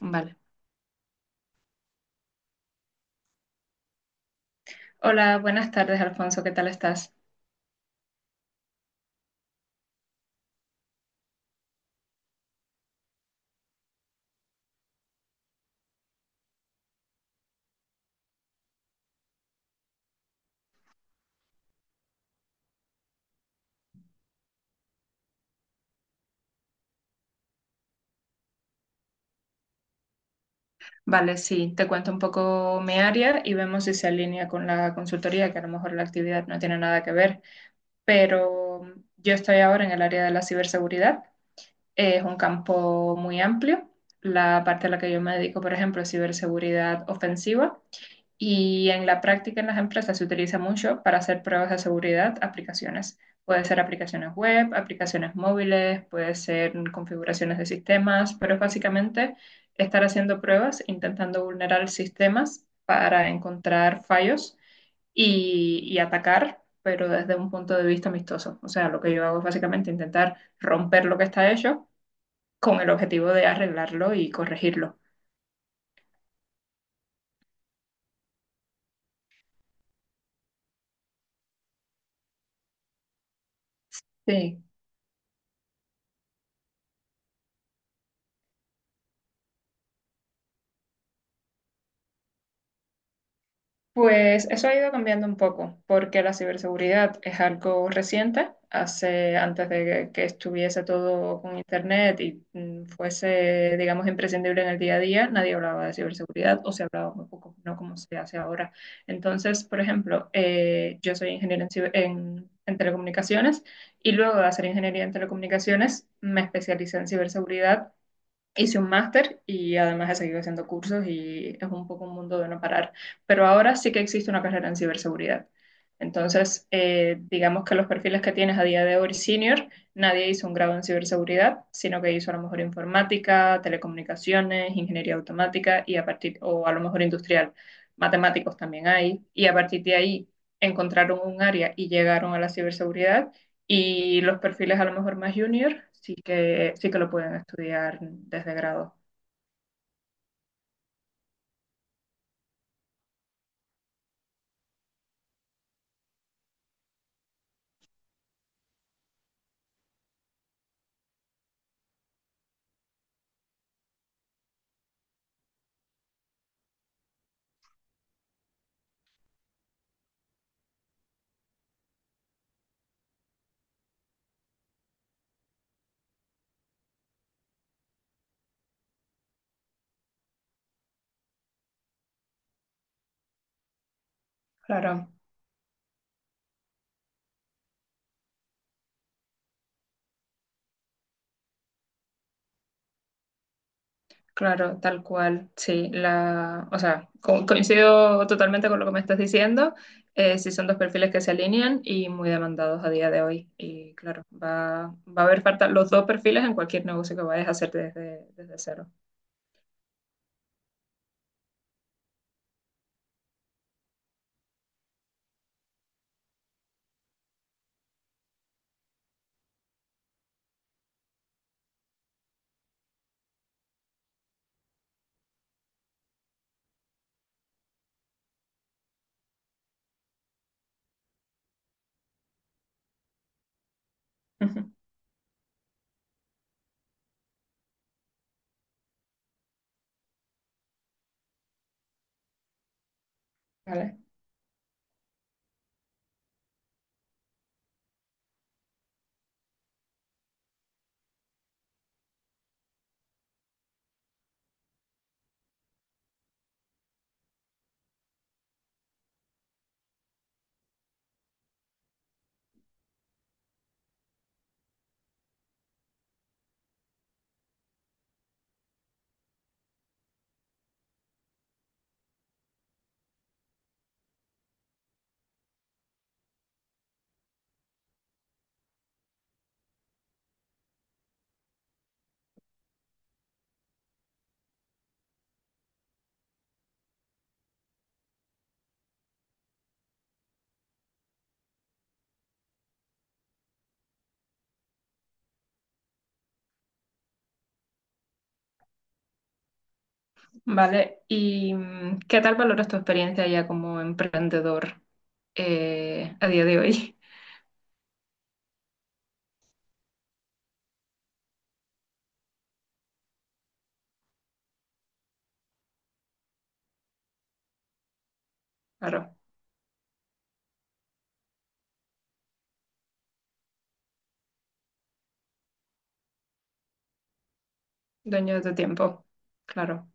Vale. Hola, buenas tardes, Alfonso. ¿Qué tal estás? Vale, sí, te cuento un poco mi área y vemos si se alinea con la consultoría, que a lo mejor la actividad no tiene nada que ver, pero yo estoy ahora en el área de la ciberseguridad. Es un campo muy amplio. La parte a la que yo me dedico, por ejemplo, es ciberseguridad ofensiva. Y en la práctica en las empresas se utiliza mucho para hacer pruebas de seguridad, aplicaciones. Puede ser aplicaciones web, aplicaciones móviles, puede ser configuraciones de sistemas, pero es básicamente estar haciendo pruebas, intentando vulnerar sistemas para encontrar fallos y atacar, pero desde un punto de vista amistoso. O sea, lo que yo hago es básicamente intentar romper lo que está hecho con el objetivo de arreglarlo y corregirlo. Sí. Pues eso ha ido cambiando un poco, porque la ciberseguridad es algo reciente. Hace, antes de que estuviese todo con internet y fuese, digamos, imprescindible en el día a día, nadie hablaba de ciberseguridad o se hablaba muy poco, no como se hace ahora. Entonces, por ejemplo, yo soy ingeniera en, en telecomunicaciones, y luego de hacer ingeniería en telecomunicaciones me especialicé en ciberseguridad, hice un máster y además he seguido haciendo cursos y es un poco un mundo de no parar. Pero ahora sí que existe una carrera en ciberseguridad. Entonces, digamos que los perfiles que tienes a día de hoy senior, nadie hizo un grado en ciberseguridad, sino que hizo a lo mejor informática, telecomunicaciones, ingeniería automática y a partir, o a lo mejor industrial, matemáticos también hay, y a partir de ahí encontraron un área y llegaron a la ciberseguridad, y los perfiles a lo mejor más junior sí que lo pueden estudiar desde grado. Claro, claro, tal cual. Sí, la, o sea, coincido totalmente con lo que me estás diciendo. Sí son dos perfiles que se alinean y muy demandados a día de hoy. Y claro, va, va a haber falta los dos perfiles en cualquier negocio que vayas a hacer desde, desde cero. Ujú. Vale. Vale. ¿Y qué tal valoras tu experiencia ya como emprendedor, a día de hoy? Claro. Dueño de tu tiempo. Claro,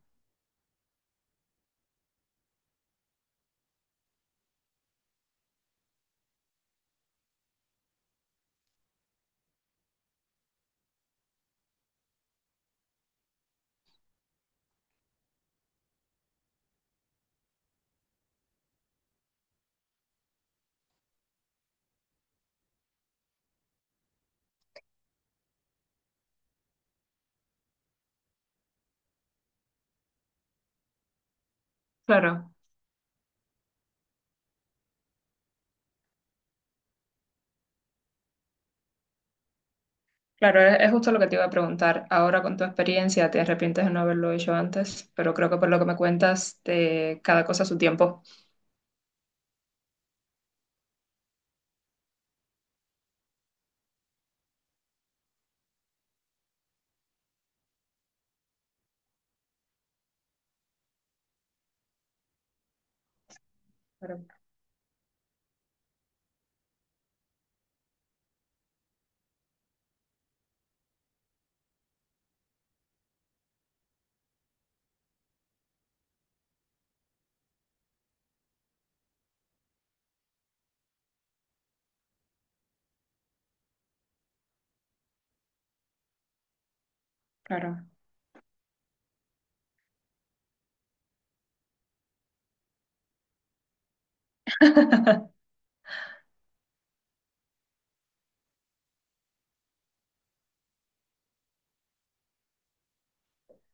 claro, claro, es justo lo que te iba a preguntar. Ahora con tu experiencia, ¿te arrepientes de no haberlo hecho antes? Pero creo que por lo que me cuentas, de cada cosa a su tiempo. Claro, claro.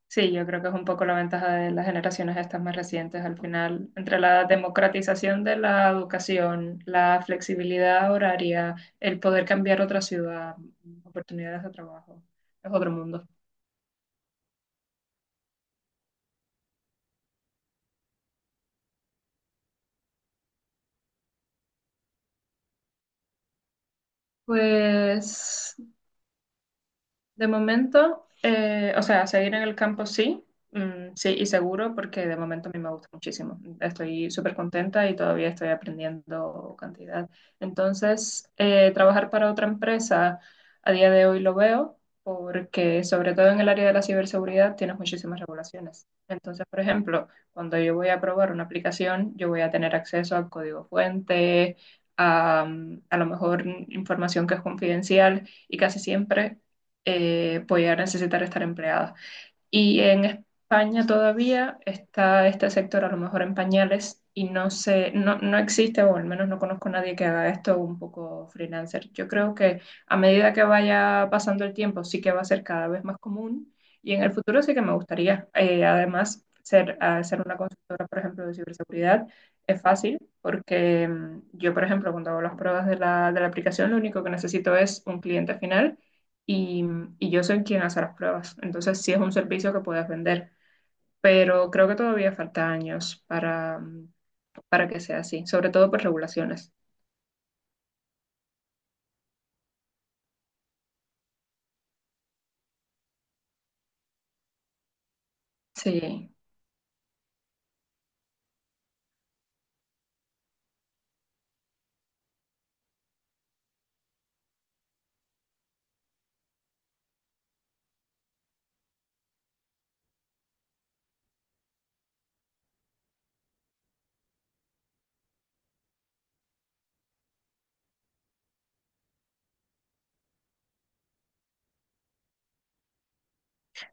Sí, yo creo que es un poco la ventaja de las generaciones estas más recientes. Al final, entre la democratización de la educación, la flexibilidad horaria, el poder cambiar otra ciudad, oportunidades de trabajo, es otro mundo. Pues de momento, o sea, seguir en el campo sí, sí y seguro, porque de momento a mí me gusta muchísimo. Estoy súper contenta y todavía estoy aprendiendo cantidad. Entonces, trabajar para otra empresa a día de hoy lo veo, porque sobre todo en el área de la ciberseguridad tienes muchísimas regulaciones. Entonces, por ejemplo, cuando yo voy a probar una aplicación, yo voy a tener acceso al código fuente, a, a lo mejor información que es confidencial y casi siempre voy a necesitar estar empleada. Y en España todavía está este sector a lo mejor en pañales y no sé, no, no existe o al menos no conozco a nadie que haga esto un poco freelancer. Yo creo que a medida que vaya pasando el tiempo sí que va a ser cada vez más común y en el futuro sí que me gustaría. Eh, además, ser, ser una consultora, por ejemplo, de ciberseguridad es fácil porque yo, por ejemplo, cuando hago las pruebas de la aplicación, lo único que necesito es un cliente final y, y yo soy quien hace las pruebas. Entonces sí es un servicio que puedes vender, pero creo que todavía falta años para que sea así, sobre todo por regulaciones. Sí,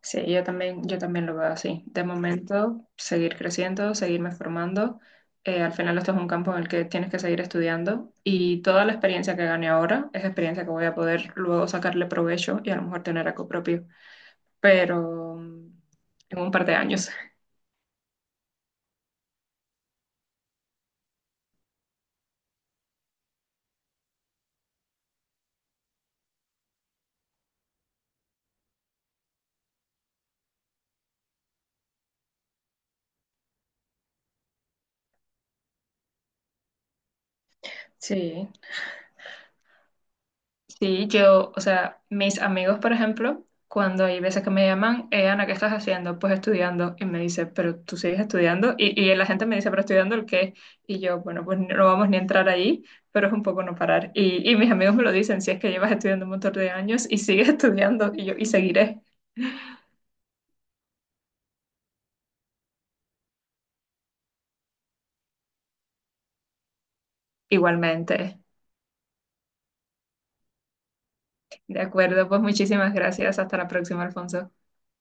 sí, yo también lo veo así. De momento, seguir creciendo, seguirme formando. Al final esto es un campo en el que tienes que seguir estudiando y toda la experiencia que gane ahora es experiencia que voy a poder luego sacarle provecho y a lo mejor tener algo propio, pero en un par de años. Sí, sí, yo, o sea, mis amigos, por ejemplo, cuando hay veces que me llaman, Ana, ¿qué estás haciendo? Pues estudiando. Y me dice, pero tú sigues estudiando. Y la gente me dice, pero estudiando el qué. Y yo, bueno, pues no vamos ni a entrar ahí, pero es un poco no parar. Y mis amigos me lo dicen, si es que llevas estudiando un montón de años y sigues estudiando. Y yo, y seguiré igualmente. De acuerdo, pues muchísimas gracias. Hasta la próxima, Alfonso.